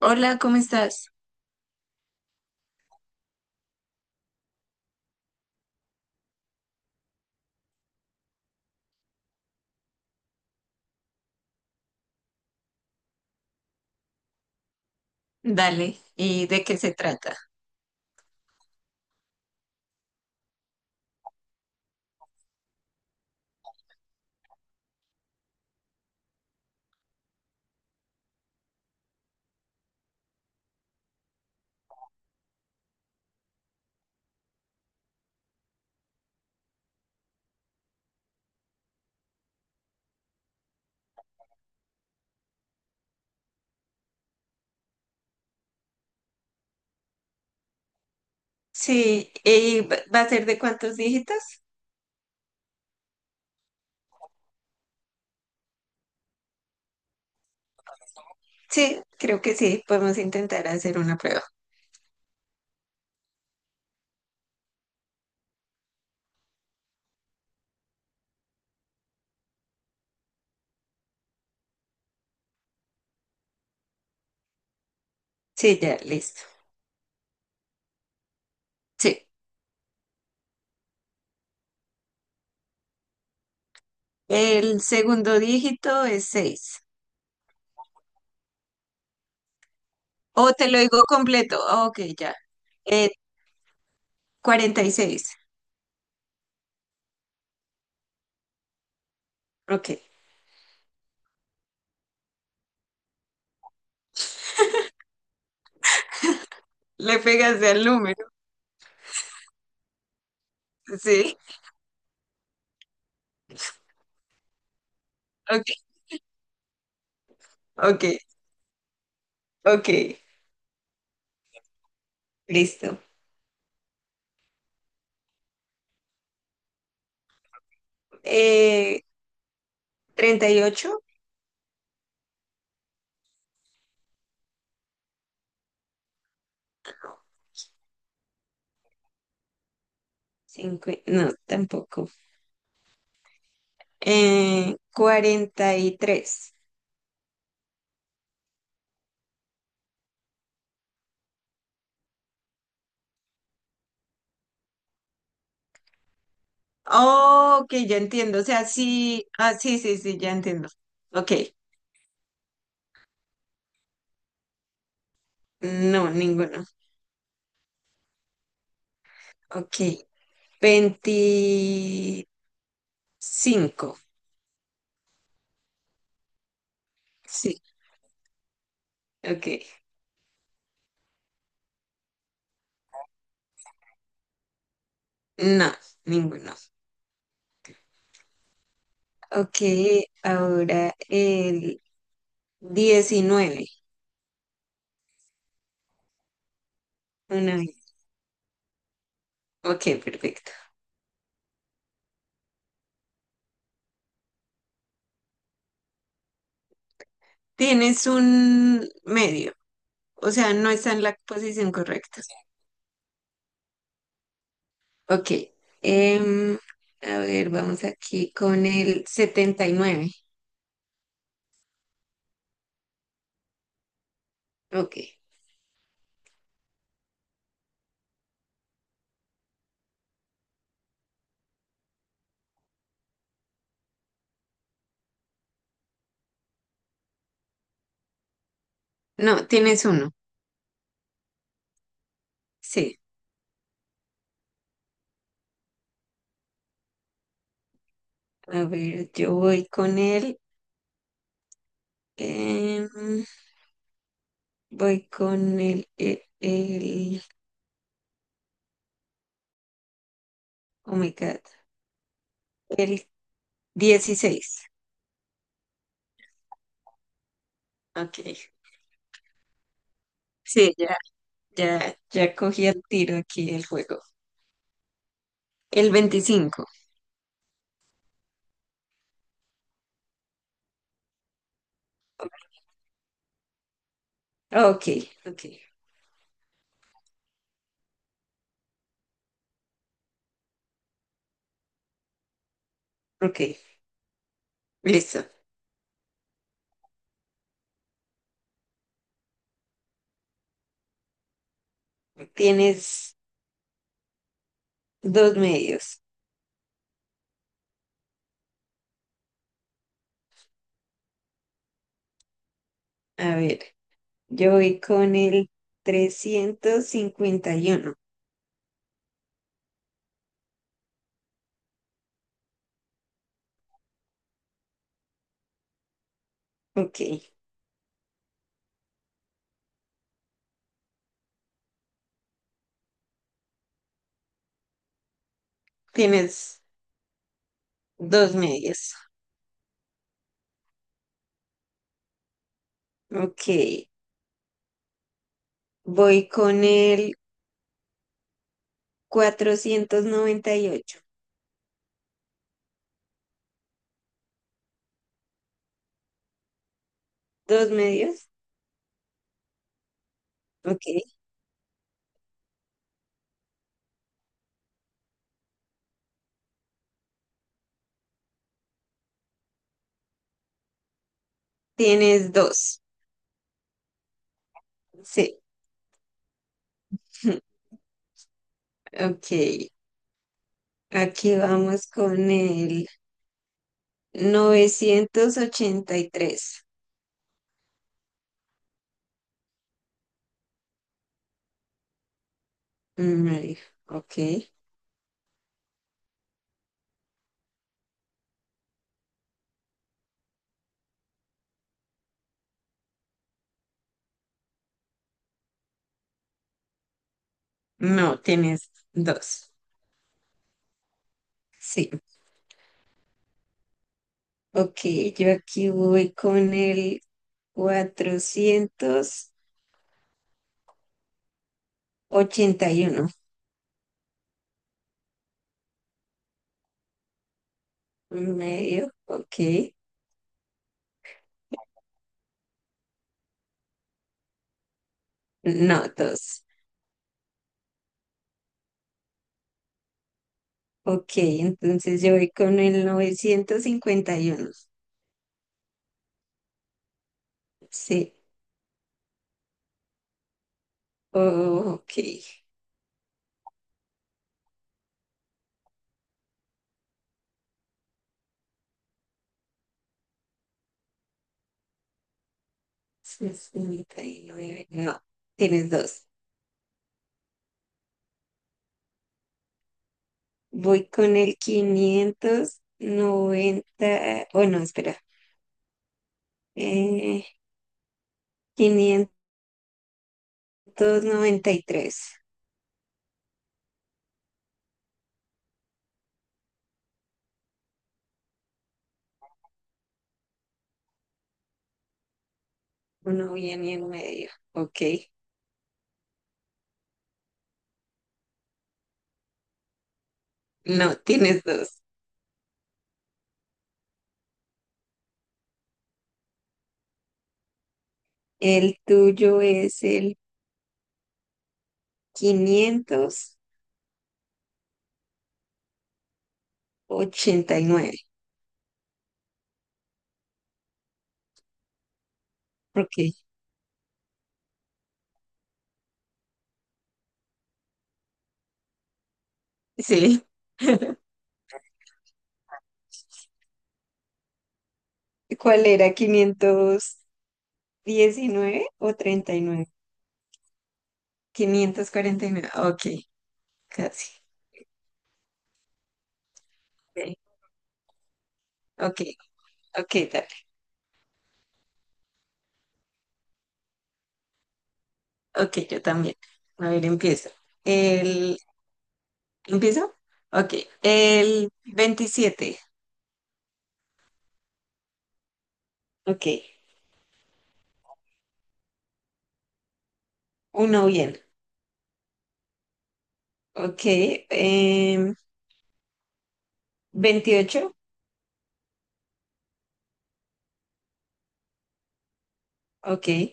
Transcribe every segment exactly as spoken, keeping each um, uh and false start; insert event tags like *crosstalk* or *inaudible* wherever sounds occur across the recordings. Hola, ¿cómo estás? Dale, ¿y de qué se trata? Sí, ¿y va va a ser de cuántos dígitos? Sí, creo que sí, podemos intentar hacer una prueba. Sí, ya, listo. Sí, el segundo dígito es seis. O te lo digo completo. Ah, ok, ya. Eh, cuarenta y seis. Ok. Le pegas al número. Sí, ok, ok, ok. Listo. Eh, treinta y ocho. Cincu- no, tampoco. Eh, cuarenta y tres. Oh, ok, ya entiendo. O sea, sí. Ah, sí, sí, sí, ya entiendo. Ok. No, ninguno. Ok. Veinticinco. Sí. Ok. No, ninguno. Ok, ahora el diecinueve. Una vez. Ok, perfecto. Tienes un medio. O sea, no está en la posición correcta. Ok. em, a ver, vamos aquí con el setenta y nueve. Ok. No, tienes uno. Sí. A ver, yo voy con él. em, voy con el, el, el- Oh my God. El dieciséis. Ok. Sí, ya, ya, ya cogí el tiro aquí el juego. El veinticinco. Ok, ok, ok. Listo. Tienes dos medios. A ver, yo voy con el trescientos cincuenta y uno. Ok. Tienes dos medios. Ok. Voy con el cuatrocientos noventa y ocho. ¿Dos medios? Ok. Tienes dos. Sí. *laughs* Ok. Aquí vamos con el novecientos ochenta y tres. Marica, ok. No, tienes dos. Sí. Ok. Yo aquí voy con el cuatrocientos ochenta y uno. Medio. Ok. No, dos. Ok, entonces yo voy con el novecientos cincuenta y uno. Sí, oh, ok. sesenta y nueve. No, tienes dos. Voy con el quinientos noventa. Oh, no, espera. Eh, quinientos noventa y tres. Uno viene en medio. Ok. No, tienes dos. El tuyo es el quinientos ochenta y nueve. Ok, sí. *laughs* ¿Cuál era? Quinientos diecinueve o treinta y nueve. Quinientos cuarenta y nueve. Ok, casi. Ok, ok, ok, dale. Ok, yo también. A ver, empiezo. El... ¿Empiezo? Ok, el veintisiete. Ok, uno bien. Ok, em, veintiocho. Ok, em,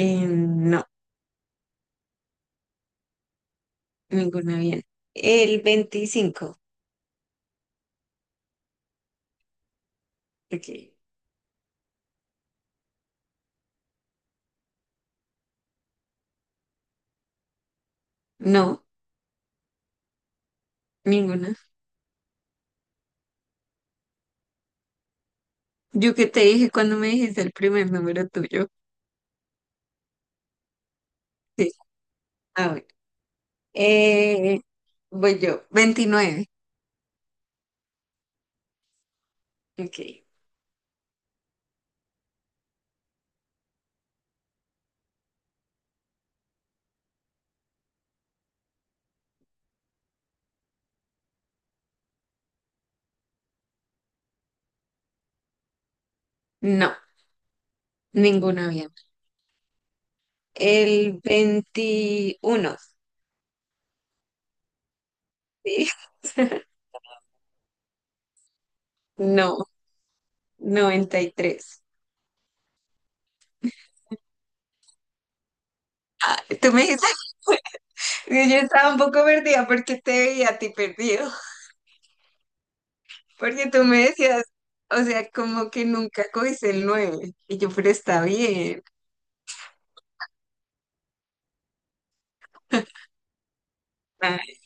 no, ninguna bien. El veinticinco. Ok, no, ninguna. Yo que te dije cuando me dijiste el primer número tuyo. Sí, ah, bueno. Eh, Voy yo, veintinueve. Ok. No, ninguna bien. El veintiuno. Sí. No, noventa y tres. Tú me dices, *laughs* yo estaba un poco perdida porque te veía a ti perdido. Porque tú me decías, o sea, como que nunca cogiste el nueve. Y yo, pero está bien. Ay,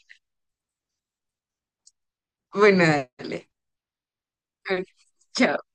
bueno, dale. A ver, chao.